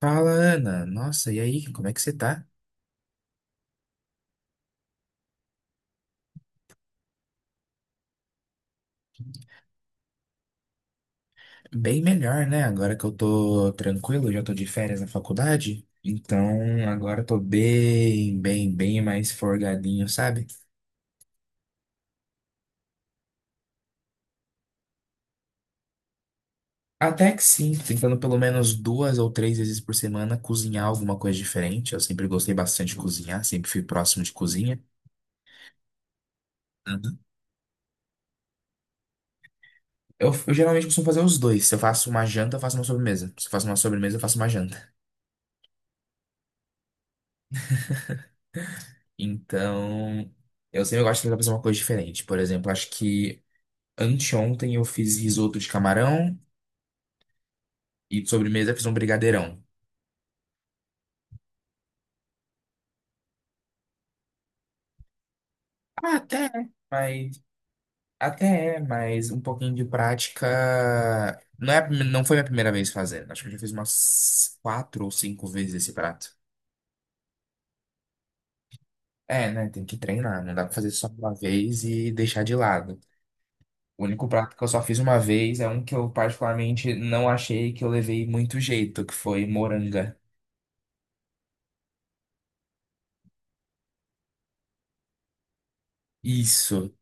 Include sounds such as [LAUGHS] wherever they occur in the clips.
Fala, Ana. Nossa, e aí, como é que você tá? Bem melhor, né? Agora que eu tô tranquilo, já tô de férias na faculdade. Então, agora eu tô bem mais forgadinho, sabe? Até que sim, tentando pelo menos duas ou três vezes por semana cozinhar alguma coisa diferente. Eu sempre gostei bastante de cozinhar, sempre fui próximo de cozinha. Uhum. Eu geralmente costumo fazer os dois. Se eu faço uma janta, eu faço uma sobremesa. Se eu faço uma sobremesa, eu faço uma janta. Então, eu sempre gosto de tentar fazer uma coisa diferente. Por exemplo, acho que Anteontem eu fiz risoto de camarão e de sobremesa eu fiz um brigadeirão. Ah, até, é, mas mas um pouquinho de prática. Não é, não foi minha primeira vez fazendo. Acho que eu já fiz umas quatro ou cinco vezes esse prato. É, né? Tem que treinar. Não dá pra fazer só uma vez e deixar de lado. O único prato que eu só fiz uma vez é um que eu particularmente não achei que eu levei muito jeito, que foi moranga. Isso.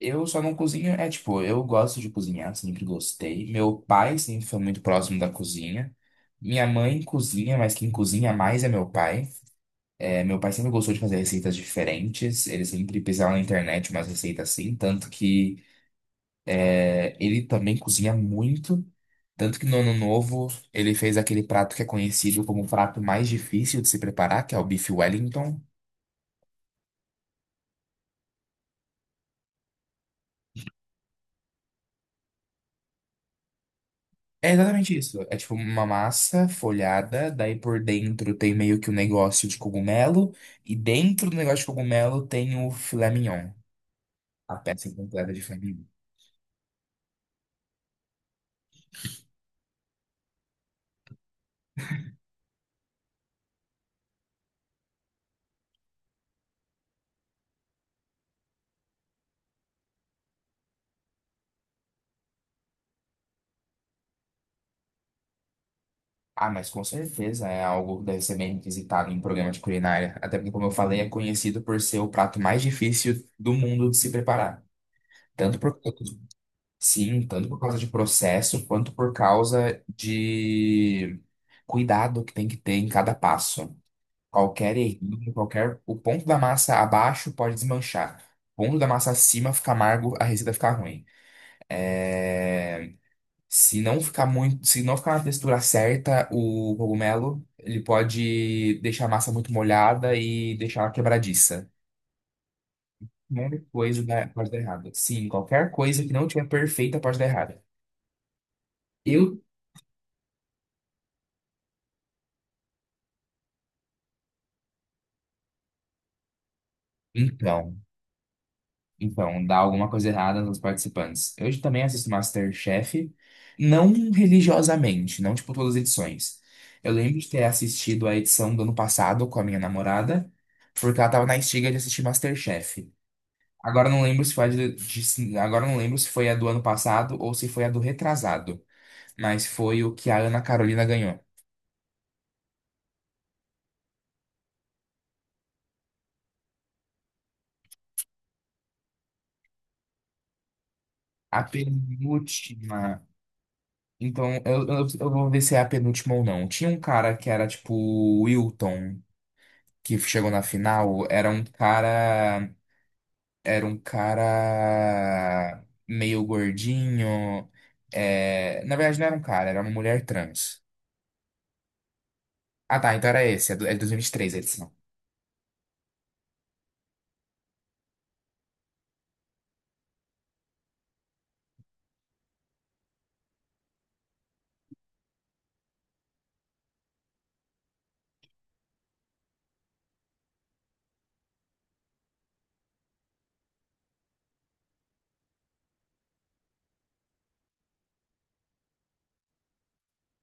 Eu só não cozinho, é tipo, eu gosto de cozinhar, sempre gostei. Meu pai sempre foi muito próximo da cozinha. Minha mãe cozinha, mas quem cozinha mais é meu pai. É, meu pai sempre gostou de fazer receitas diferentes, ele sempre pesquisava na internet umas receitas assim, tanto que ele também cozinha muito. Tanto que no ano novo ele fez aquele prato que é conhecido como o prato mais difícil de se preparar, que é o bife Wellington. É exatamente isso. É tipo uma massa folhada, daí por dentro tem meio que um negócio de cogumelo, e dentro do negócio de cogumelo tem o filé mignon, a peça completa de filé mignon. Ah, mas com certeza é algo que deve ser bem requisitado em programa de culinária. Até porque, como eu falei, é conhecido por ser o prato mais difícil do mundo de se preparar. Tanto por, sim, tanto por causa de processo, quanto por causa de cuidado que tem que ter em cada passo. Qualquer errinho, qualquer. O ponto da massa abaixo pode desmanchar. O ponto da massa acima fica amargo, a receita fica ruim. É, se não ficar na textura certa, o cogumelo, ele pode deixar a massa muito molhada e deixar ela quebradiça. Um Pode dar errado. Sim, qualquer coisa que não tiver perfeita pode dar errado. Eu, então. Então, dá alguma coisa errada nos participantes. Eu também assisto MasterChef, não religiosamente, não tipo todas as edições. Eu lembro de ter assistido a edição do ano passado com a minha namorada, porque ela tava na estiga de assistir MasterChef. Agora eu não lembro se foi a de- Agora eu não lembro se foi a do ano passado ou se foi a do retrasado, mas foi o que a Ana Carolina ganhou. A penúltima. Então, eu vou ver se é a penúltima ou não. Tinha um cara que era tipo o Wilton. Que chegou na final era um cara, Era um cara meio gordinho. É, na verdade, não era um cara, era uma mulher trans. Ah, tá, então era esse, é de 2023 a edição.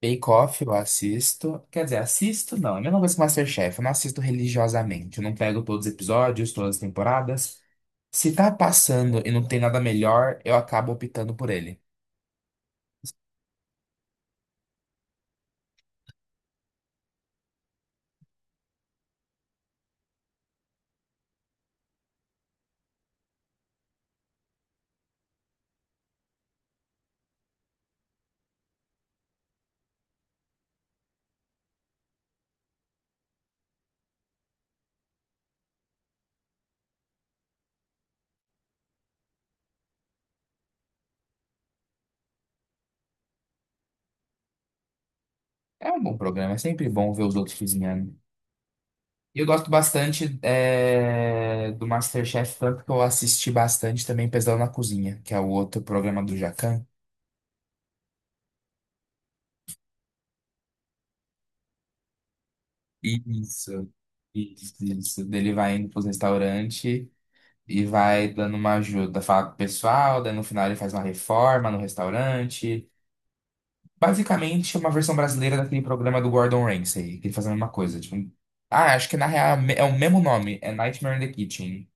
Bake Off eu assisto, quer dizer, assisto não, é a mesma coisa que MasterChef, eu não assisto religiosamente, eu não pego todos os episódios, todas as temporadas. Se tá passando e não tem nada melhor, eu acabo optando por ele. É um bom programa, é sempre bom ver os outros cozinhando. E eu gosto bastante do MasterChef, tanto que eu assisti bastante também Pesadelo na Cozinha, que é o outro programa do Jacquin. Isso, isso, isso. dele vai indo para os restaurantes e vai dando uma ajuda, fala pro pessoal, daí no final ele faz uma reforma no restaurante. Basicamente, é uma versão brasileira daquele programa do Gordon Ramsay, que ele faz a mesma coisa. Tipo, ah, acho que na real é o mesmo nome, é Nightmare in the Kitchen.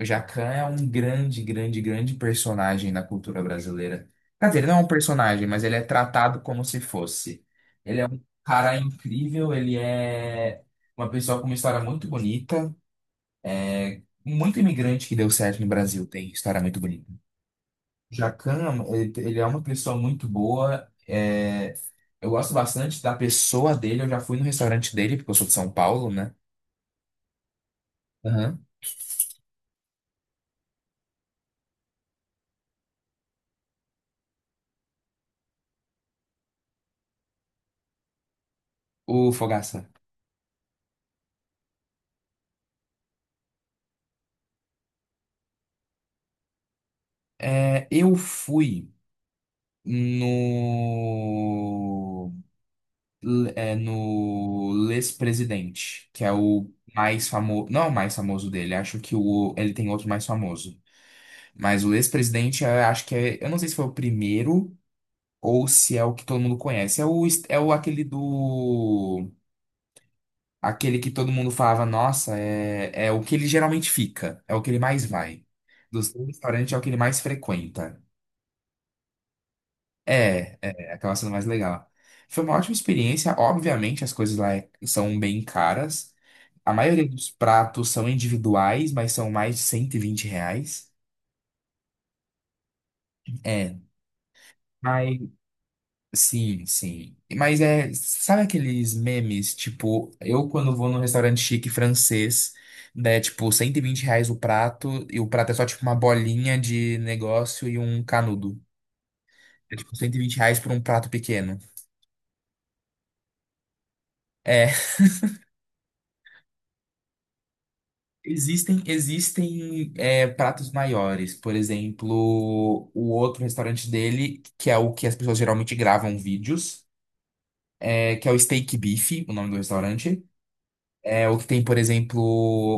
O Jacquin é um grande personagem na cultura brasileira. Quer dizer, ele não é um personagem, mas ele é tratado como se fosse. Ele é um cara incrível, ele é uma pessoa com uma história muito bonita. Muito imigrante que deu certo no Brasil tem história muito bonita. Jacan ele é uma pessoa muito boa. Eu gosto bastante da pessoa dele. Eu já fui no restaurante dele, porque eu sou de São Paulo, né? Aham. O Fogaça. É, eu fui no, no Les Presidente, que é o mais famoso, não é o mais famoso dele, acho que o, ele tem outro mais famoso. Mas o Les Presidente, eu acho que é, eu não sei se foi o primeiro ou se é o que todo mundo conhece. É o aquele do, aquele que todo mundo falava, nossa, é, é o que ele geralmente fica, é o que ele mais vai. Dos três restaurantes é o que ele mais frequenta. Acaba sendo mais legal. Foi uma ótima experiência. Obviamente, as coisas lá é- são bem caras. A maioria dos pratos são individuais, mas são mais de R$ 120. É. Mas, sim. Mas é, sabe aqueles memes, tipo, eu quando vou num restaurante chique francês, né, tipo, R$ 120 o prato, e o prato é só tipo uma bolinha de negócio e um canudo. É tipo R$ 120 por um prato pequeno. É. Existem pratos maiores. Por exemplo, o outro restaurante dele, que é o que as pessoas geralmente gravam vídeos, que é o Steak Beef, o nome do restaurante. É o que tem, por exemplo,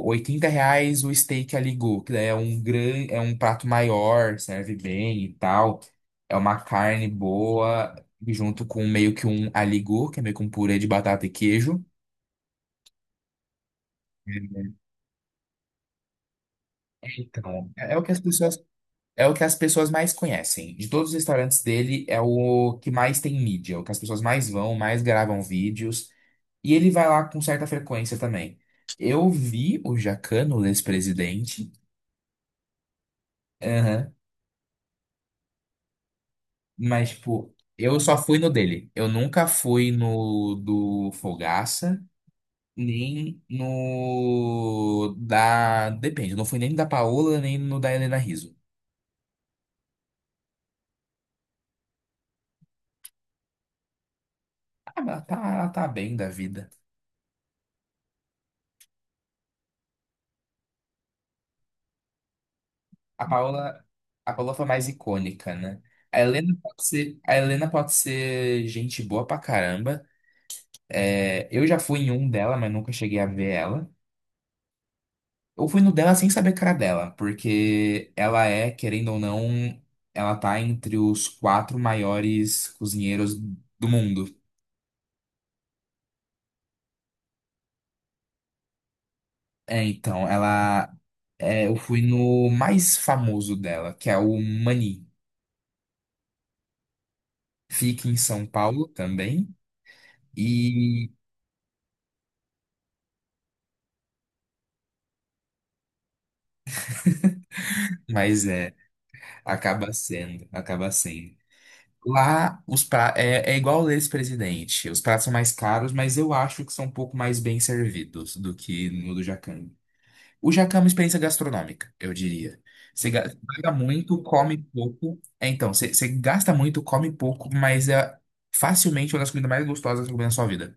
R$ 80 o steak aligu, que daí é um grande é um prato maior, serve bem e tal. É uma carne boa, junto com meio que um aligu, que é meio que um purê de batata e queijo. Então, É o que as pessoas... É o que as pessoas mais conhecem. De todos os restaurantes dele, é o que mais tem mídia, é o que as pessoas mais vão, mais gravam vídeos. E ele vai lá com certa frequência também. Eu vi o Jacquin o ex-presidente, aham, mas, tipo, eu só fui no dele. Eu nunca fui no do Fogaça, nem no da. Depende, eu não fui nem da Paola, nem no da Helena Rizzo. Ah, mas ela tá bem da vida. A Paola, a Paola foi mais icônica, né? A Helena pode ser gente boa pra caramba. É, eu já fui em um dela, mas nunca cheguei a ver ela. Eu fui no dela sem saber a cara dela, porque ela é, querendo ou não, ela tá entre os quatro maiores cozinheiros do mundo. É, então, ela. É, eu fui no mais famoso dela, que é o Mani. Fica em São Paulo também. E. [LAUGHS] Mas é. Acaba sendo. Lá, é igual o ex-presidente. Os pratos são mais caros, mas eu acho que são um pouco mais bem servidos do que no do Jacame. O Jacame é uma experiência gastronômica, eu diria. Paga muito, come pouco. É, então, você gasta muito, come pouco, mas é facilmente uma das comidas mais gostosas que eu comi na sua vida.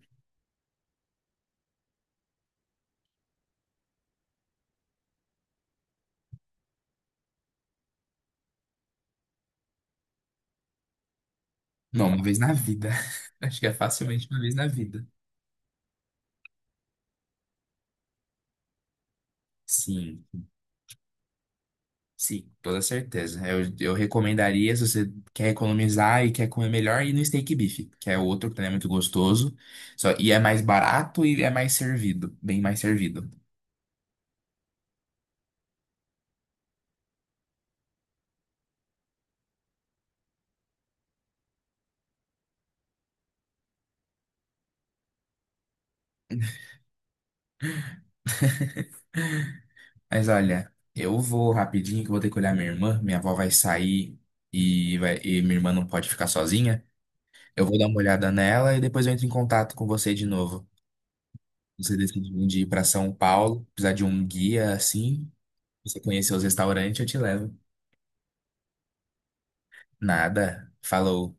Não, uma vez na vida. [LAUGHS] Acho que é facilmente uma vez na vida. Sim. Sim, toda certeza. Eu recomendaria, se você quer economizar e quer comer melhor, ir no steak beef, que é outro que também é muito gostoso. Só, e é mais barato e é mais servido, bem mais servido. Mas olha, eu vou rapidinho que eu vou ter que olhar minha irmã. Minha avó vai sair e minha irmã não pode ficar sozinha. Eu vou dar uma olhada nela e depois eu entro em contato com você de novo. Você decide um dia ir para São Paulo, precisar de um guia assim, você conhecer os restaurantes, eu te levo. Nada. Falou.